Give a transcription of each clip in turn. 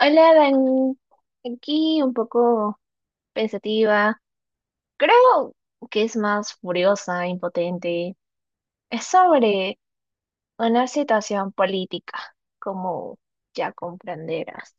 Hola, Dan. Aquí un poco pensativa. Creo que es más furiosa, impotente. Es sobre una situación política, como ya comprenderás.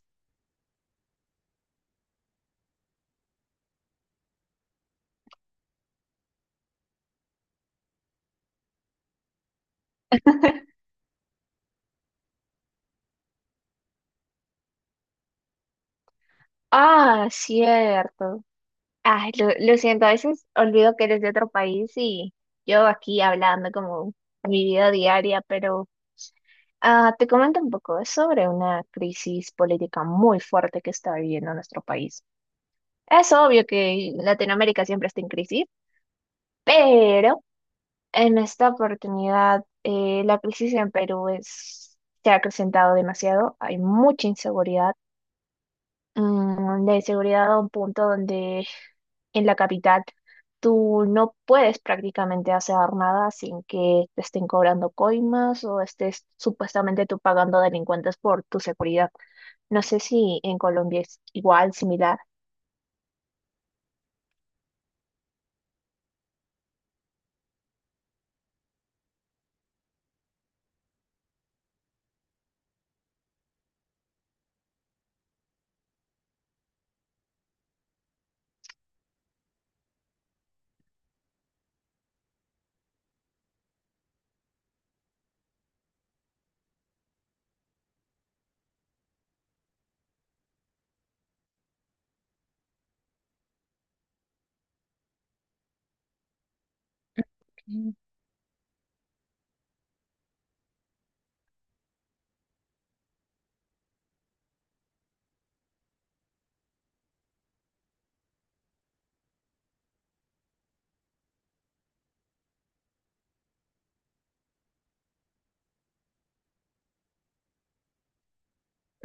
Ah, cierto. Ah, lo siento, a veces olvido que eres de otro país y yo aquí hablando como mi vida diaria, pero ah, te comento un poco. Es sobre una crisis política muy fuerte que está viviendo nuestro país. Es obvio que Latinoamérica siempre está en crisis, pero en esta oportunidad la crisis en Perú se ha acrecentado demasiado. Hay mucha inseguridad, la inseguridad a un punto donde en la capital tú no puedes prácticamente hacer nada sin que te estén cobrando coimas o estés supuestamente tú pagando delincuentes por tu seguridad. No sé si en Colombia es igual, similar.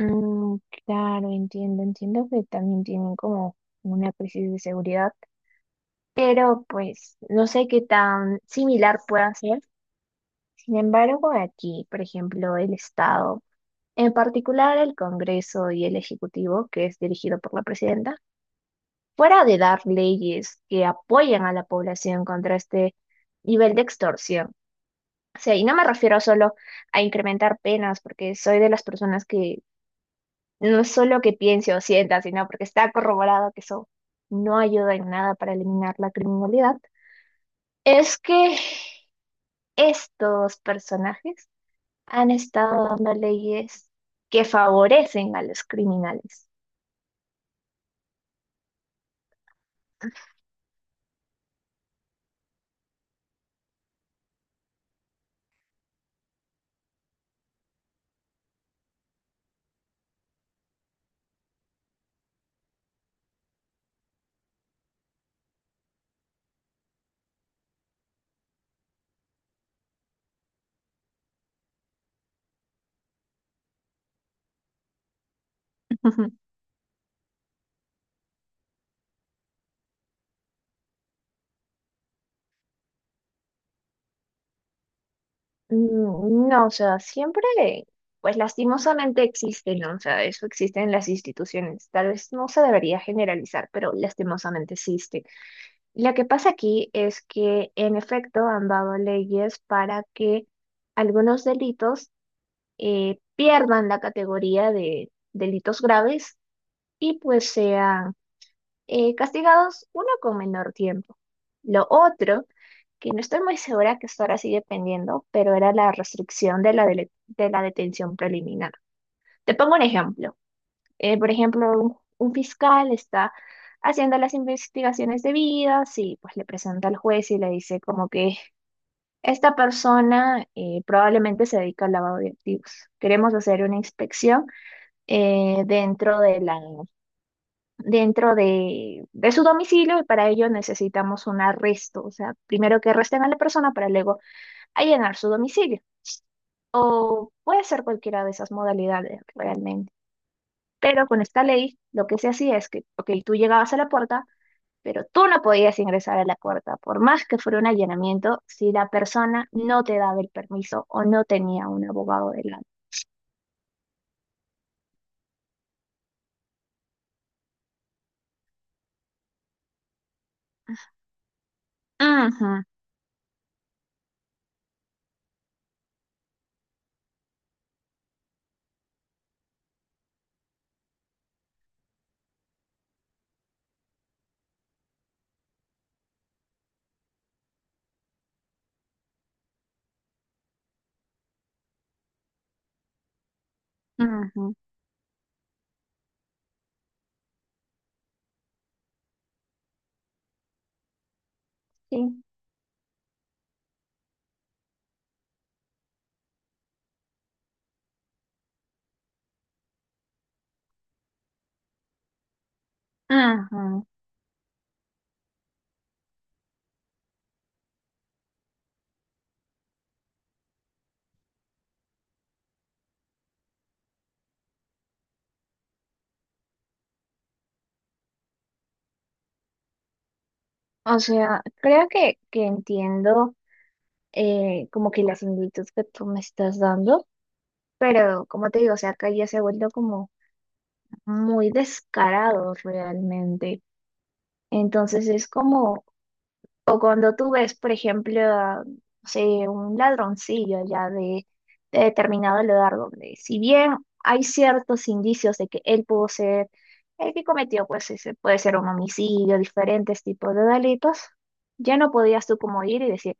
Mm, claro, entiendo, entiendo que también tienen como una crisis de seguridad, pero pues no sé qué tan similar pueda ser. Sin embargo, aquí, por ejemplo, el Estado, en particular el Congreso y el Ejecutivo, que es dirigido por la presidenta, fuera de dar leyes que apoyen a la población contra este nivel de extorsión. O sea, y no me refiero solo a incrementar penas, porque soy de las personas que no es solo que piense o sienta, sino porque está corroborado que eso no ayuda en nada para eliminar la criminalidad, es que estos personajes han estado dando leyes que favorecen a los criminales. Mm, no, o sea, siempre, pues lastimosamente existen, ¿no? O sea, eso existe en las instituciones. Tal vez no se debería generalizar, pero lastimosamente existe. Lo que pasa aquí es que en efecto han dado leyes para que algunos delitos pierdan la categoría de delitos graves y pues sean castigados uno con menor tiempo. Lo otro, que no estoy muy segura que hasta ahora sigue pendiendo, pero era la restricción de la detención preliminar. Te pongo un ejemplo por ejemplo, un fiscal está haciendo las investigaciones debidas y pues le presenta al juez y le dice como que esta persona probablemente se dedica al lavado de activos. Queremos hacer una inspección dentro de la, dentro de su domicilio y para ello necesitamos un arresto. O sea, primero que arresten a la persona para luego allanar su domicilio. O puede ser cualquiera de esas modalidades realmente. Pero con esta ley, lo que se hacía es que, ok, tú llegabas a la puerta, pero tú no podías ingresar a la puerta, por más que fuera un allanamiento, si la persona no te daba el permiso o no tenía un abogado delante. Ajá, ajá, sí, ajá. O sea, creo que entiendo como que la similitud que tú me estás dando, pero como te digo, o sea, acá ya se ha vuelto como muy descarado realmente. Entonces es como. O cuando tú ves, por ejemplo, a, no sé, un ladroncillo ya de determinado lugar donde, si bien hay ciertos indicios de que él pudo ser el que cometió, pues ese puede ser un homicidio, diferentes tipos de delitos, ya no podías tú como ir y decir,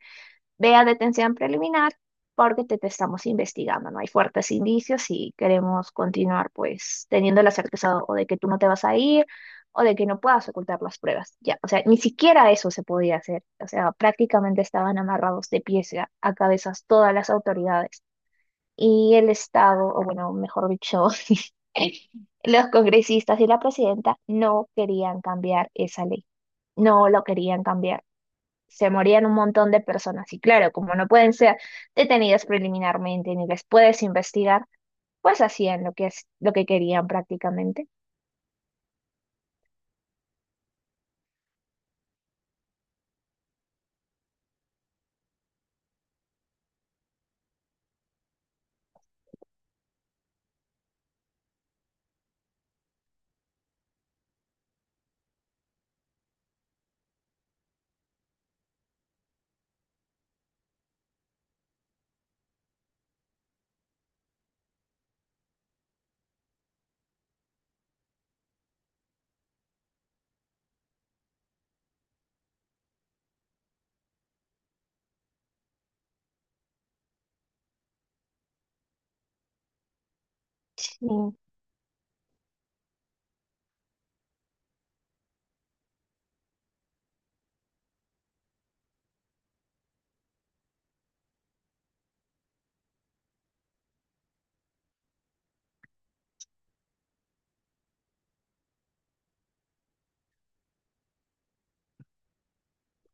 ve a detención preliminar porque te estamos investigando, ¿no? Hay fuertes indicios y queremos continuar, pues, teniendo la certeza o de que tú no te vas a ir o de que no puedas ocultar las pruebas. Ya, o sea, ni siquiera eso se podía hacer. O sea, prácticamente estaban amarrados de pies a cabezas todas las autoridades. Y el Estado, o bueno, mejor dicho, los congresistas y la presidenta no querían cambiar esa ley. No lo querían cambiar se morían un montón de personas. Y claro, como no pueden ser detenidas preliminarmente ni les puedes investigar, pues hacían lo que es, lo que querían prácticamente. Sí,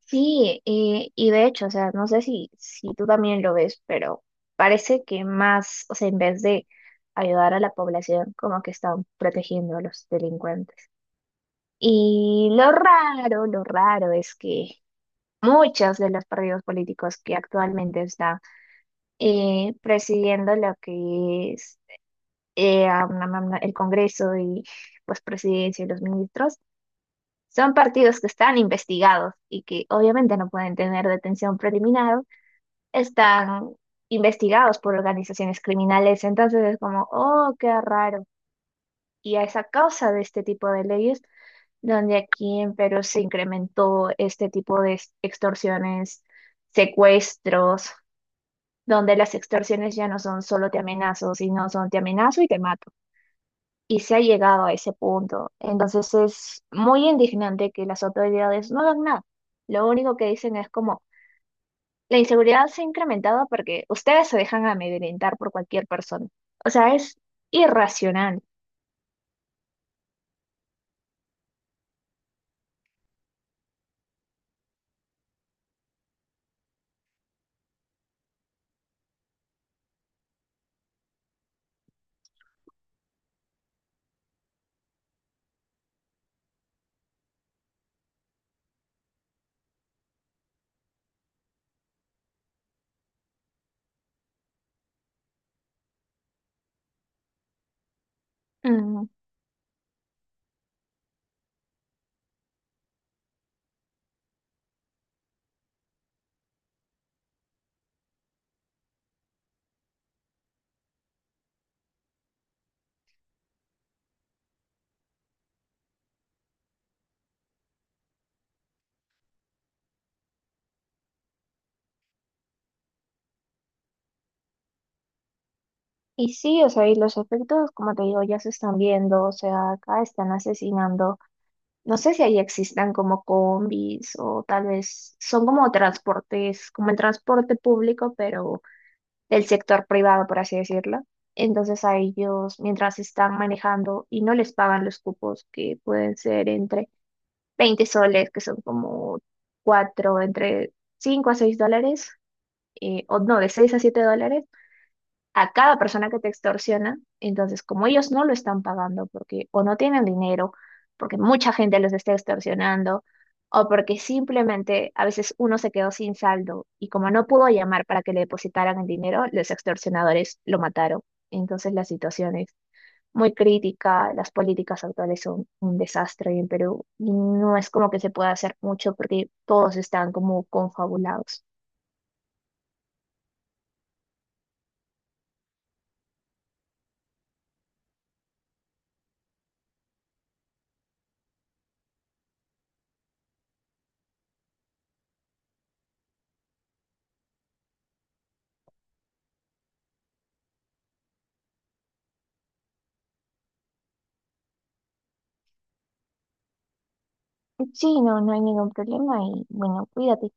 sí, y de hecho, o sea, no sé si tú también lo ves, pero parece que más, o sea, en vez de ayudar a la población, como que están protegiendo a los delincuentes. Y lo raro es que muchos de los partidos políticos que actualmente están presidiendo lo que es el Congreso y pues presidencia y los ministros, son partidos que están investigados y que obviamente no pueden tener detención preliminar, están investigados por organizaciones criminales. Entonces es como, oh, qué raro. Y a esa causa de este tipo de leyes donde aquí en Perú se incrementó este tipo de extorsiones, secuestros, donde las extorsiones ya no son solo te amenazo, sino son te amenazo y te mato, y se ha llegado a ese punto. Entonces es muy indignante que las autoridades no hagan nada. Lo único que dicen es como, la inseguridad se ha incrementado porque ustedes se dejan amedrentar por cualquier persona. O sea, es irracional. Mm, Y sí, o sea, y los efectos, como te digo, ya se están viendo, o sea, acá están asesinando. No sé si ahí existan como combis o tal vez son como transportes, como el transporte público, pero del sector privado, por así decirlo. Entonces a ellos, mientras están manejando y no les pagan los cupos, que pueden ser entre 20 soles, que son como 4 entre 5 a 6 dólares, o no, de 6 a 7 dólares, a cada persona que te extorsiona. Entonces, como ellos no lo están pagando porque o no tienen dinero, porque mucha gente los está extorsionando, o porque simplemente a veces uno se quedó sin saldo y como no pudo llamar para que le depositaran el dinero, los extorsionadores lo mataron. Entonces, la situación es muy crítica, las políticas actuales son un desastre en Perú y no es como que se pueda hacer mucho porque todos están como confabulados. Sí, no, no hay ningún problema y bueno, cuídate.